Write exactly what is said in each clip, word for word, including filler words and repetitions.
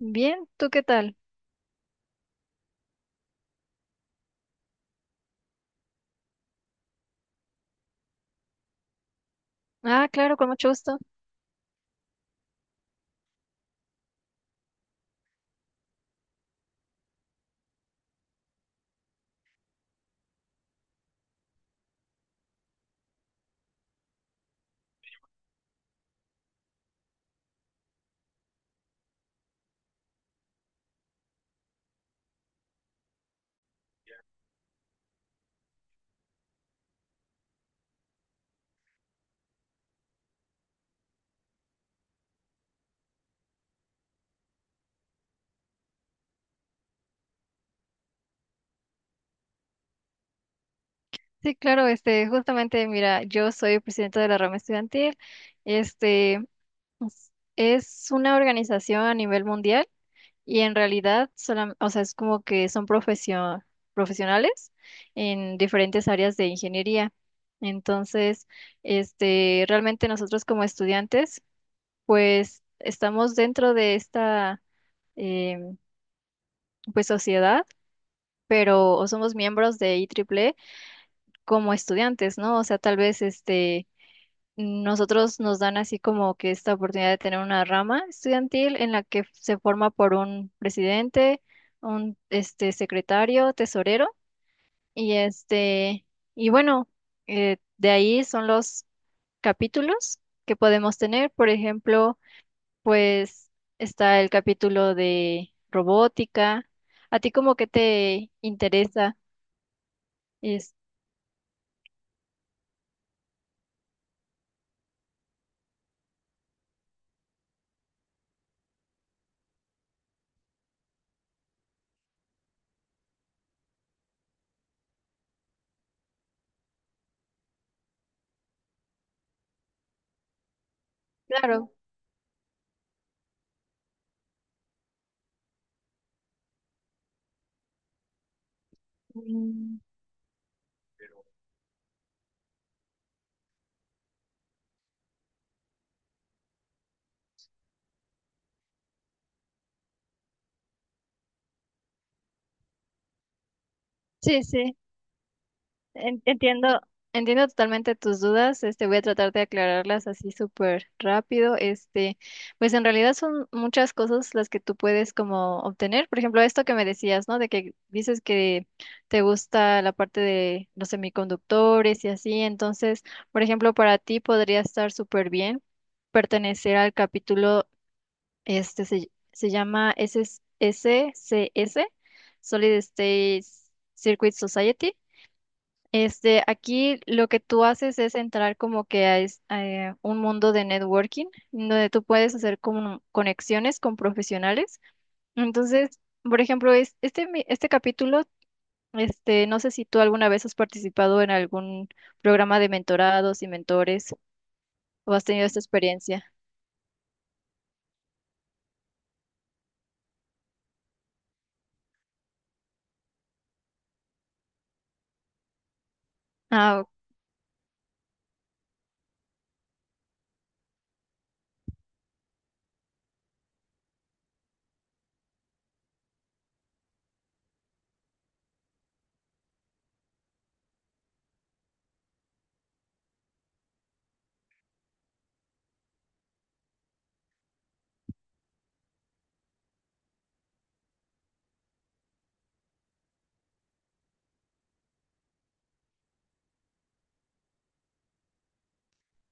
Bien, ¿tú qué tal? Ah, claro, con mucho gusto. Sí, claro, este, justamente, mira, yo soy presidenta de la rama estudiantil. Este, es es una organización a nivel mundial y en realidad, solam- o sea, es como que son profesio- profesionales en diferentes áreas de ingeniería. Entonces, este, realmente nosotros como estudiantes, pues estamos dentro de esta, em, pues sociedad, pero o somos miembros de I E E E como estudiantes, ¿no? O sea, tal vez este, nosotros nos dan así como que esta oportunidad de tener una rama estudiantil en la que se forma por un presidente, un este, secretario, tesorero, y este, y bueno, eh, de ahí son los capítulos que podemos tener. Por ejemplo, pues está el capítulo de robótica. ¿A ti como que te interesa? Es, claro. Mm. Sí, sí. En- Entiendo, entiendo totalmente tus dudas. Este, voy a tratar de aclararlas así súper rápido. Este, pues en realidad son muchas cosas las que tú puedes como obtener. Por ejemplo, esto que me decías, ¿no? De que dices que te gusta la parte de los semiconductores y así. Entonces, por ejemplo, para ti podría estar súper bien pertenecer al capítulo, este, se, se llama s S c s Solid State Circuit Society, este, aquí lo que tú haces es entrar como que a, es- a, eh, un mundo de networking, donde tú puedes hacer como conexiones con profesionales. Entonces, por ejemplo, es, este, mi- este capítulo, este, no sé si tú alguna vez has participado en algún programa de mentorados y mentores o has tenido esta experiencia. Ah,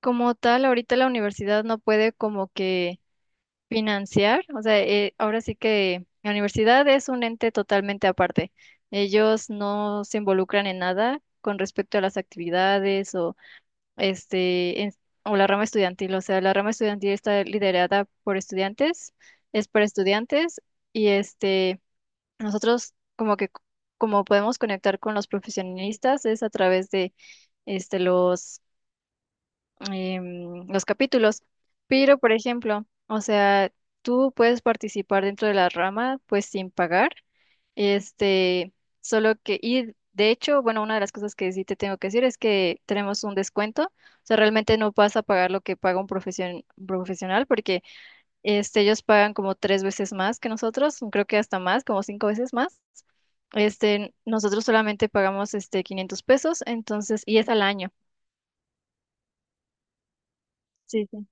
como tal, ahorita la universidad no puede como que financiar, o sea, eh, ahora sí que la universidad es un ente totalmente aparte. Ellos no se involucran en nada con respecto a las actividades o este en- o la rama estudiantil. O sea, la rama estudiantil está liderada por estudiantes, es para estudiantes y este nosotros como que c- como podemos conectar con los profesionistas es a través de este los em, los capítulos. Pero, por ejemplo, o sea, tú puedes participar dentro de la rama, pues sin pagar. Este, solo que, y de hecho, bueno, una de las cosas que sí te tengo que decir es que tenemos un descuento. O sea, realmente no vas a pagar lo que paga un profesion- profesional, porque este, ellos pagan como tres veces más que nosotros, creo que hasta más, como cinco veces más. Este, nosotros solamente pagamos este quinientos pesos, entonces, y es al año. Sí, sí.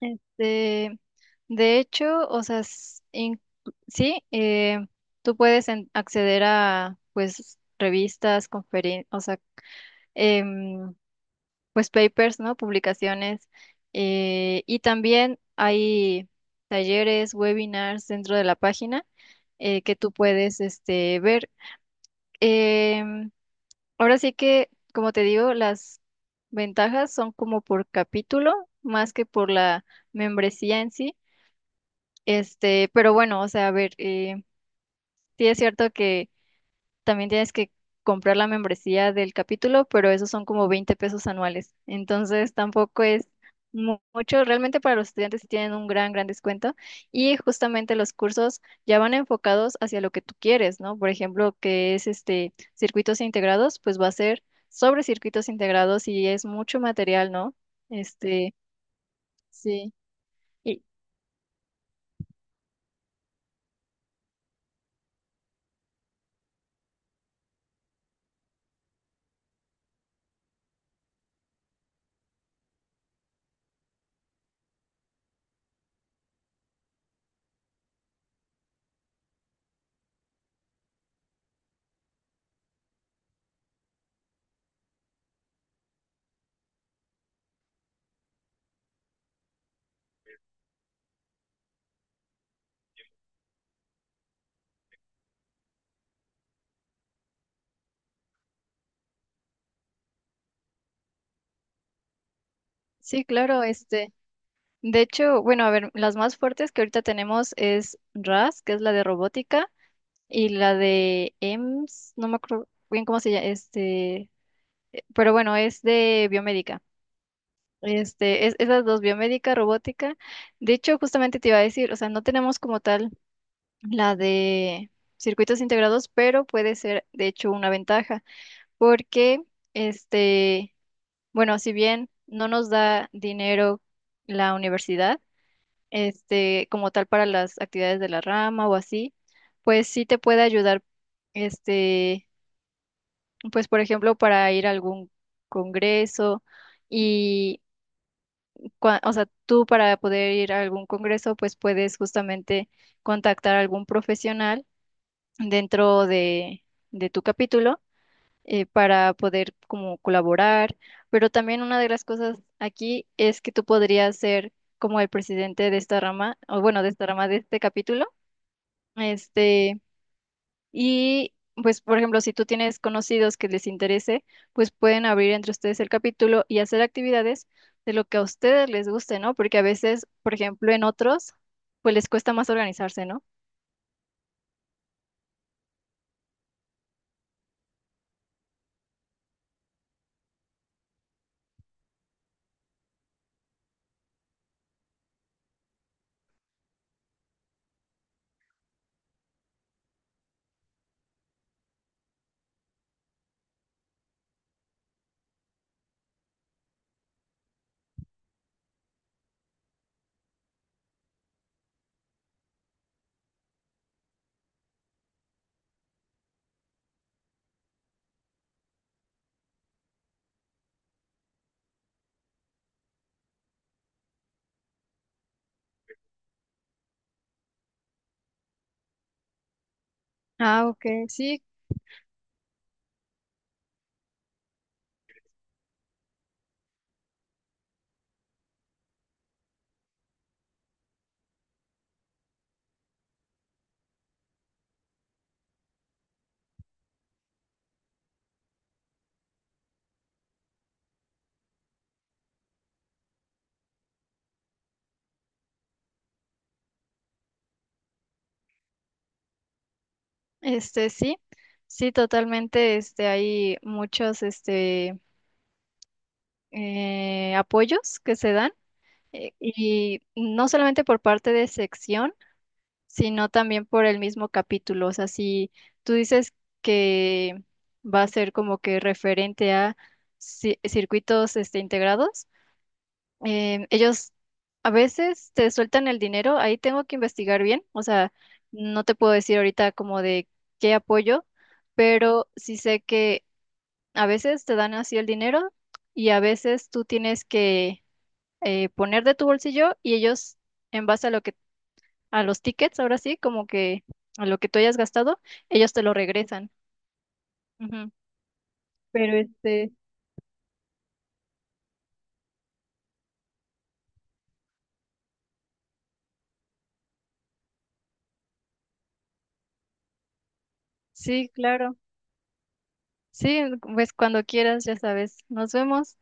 Este, de hecho, o sea, s- in- sí, eh, tú puedes en- acceder a, pues, revistas, conferencias, o sea, em, pues, papers, ¿no? Publicaciones. eh, y también hay talleres, webinars dentro de la página, eh, que tú puedes, este, ver. Em, ahora sí que, como te digo, las ventajas son como por capítulo, más que por la membresía en sí. Este, pero bueno, o sea, a ver, eh, sí es cierto que también tienes que comprar la membresía del capítulo, pero esos son como veinte pesos anuales. Entonces tampoco es mu- mucho. Realmente para los estudiantes sí tienen un gran, gran descuento. Y justamente los cursos ya van enfocados hacia lo que tú quieres, ¿no? Por ejemplo, que es este circuitos integrados, pues va a ser sobre circuitos integrados y es mucho material, ¿no? Este, sí. Y sí, claro, este. De hecho, bueno, a ver, las más fuertes que ahorita tenemos es R A S, que es la de robótica, y la de E M S, no me acuerdo bien cómo se llama, este, pero bueno, es de biomédica. Este, es, esas dos, biomédica, robótica. De hecho, justamente te iba a decir, o sea, no tenemos como tal la de circuitos integrados, pero puede ser, de hecho, una ventaja, porque, este, bueno, si bien no nos da dinero la universidad, este, como tal para las actividades de la rama o así, pues sí te puede ayudar, este, pues por ejemplo, para ir a algún congreso y, cua- o sea, tú para poder ir a algún congreso, pues puedes justamente contactar a algún profesional dentro de, de tu capítulo. eh, para poder como colaborar, pero también una de las cosas aquí es que tú podrías ser como el presidente de esta rama, o bueno, de esta rama de este capítulo. Este, y pues, por ejemplo, si tú tienes conocidos que les interese, pues pueden abrir entre ustedes el capítulo y hacer actividades de lo que a ustedes les guste, ¿no? Porque a veces, por ejemplo, en otros, pues les cuesta más organizarse, ¿no? Ah, ok, sí. Este, sí, sí, totalmente, este, hay muchos, este, eh, apoyos que se dan, eh, y no solamente por parte de sección, sino también por el mismo capítulo. O sea, si tú dices que va a ser como que referente a ci- circuitos este, integrados, em, ellos a veces te sueltan el dinero, ahí tengo que investigar bien, o sea, no te puedo decir ahorita como de qué apoyo, pero sí sé que a veces te dan así el dinero y a veces tú tienes que eh, poner de tu bolsillo y ellos... En base a lo que a los tickets, ahora sí, como que a lo que tú hayas gastado, ellos te lo regresan. Ujú. Pero este, sí, claro. Sí, pues cuando quieras, ya sabes. Nos vemos.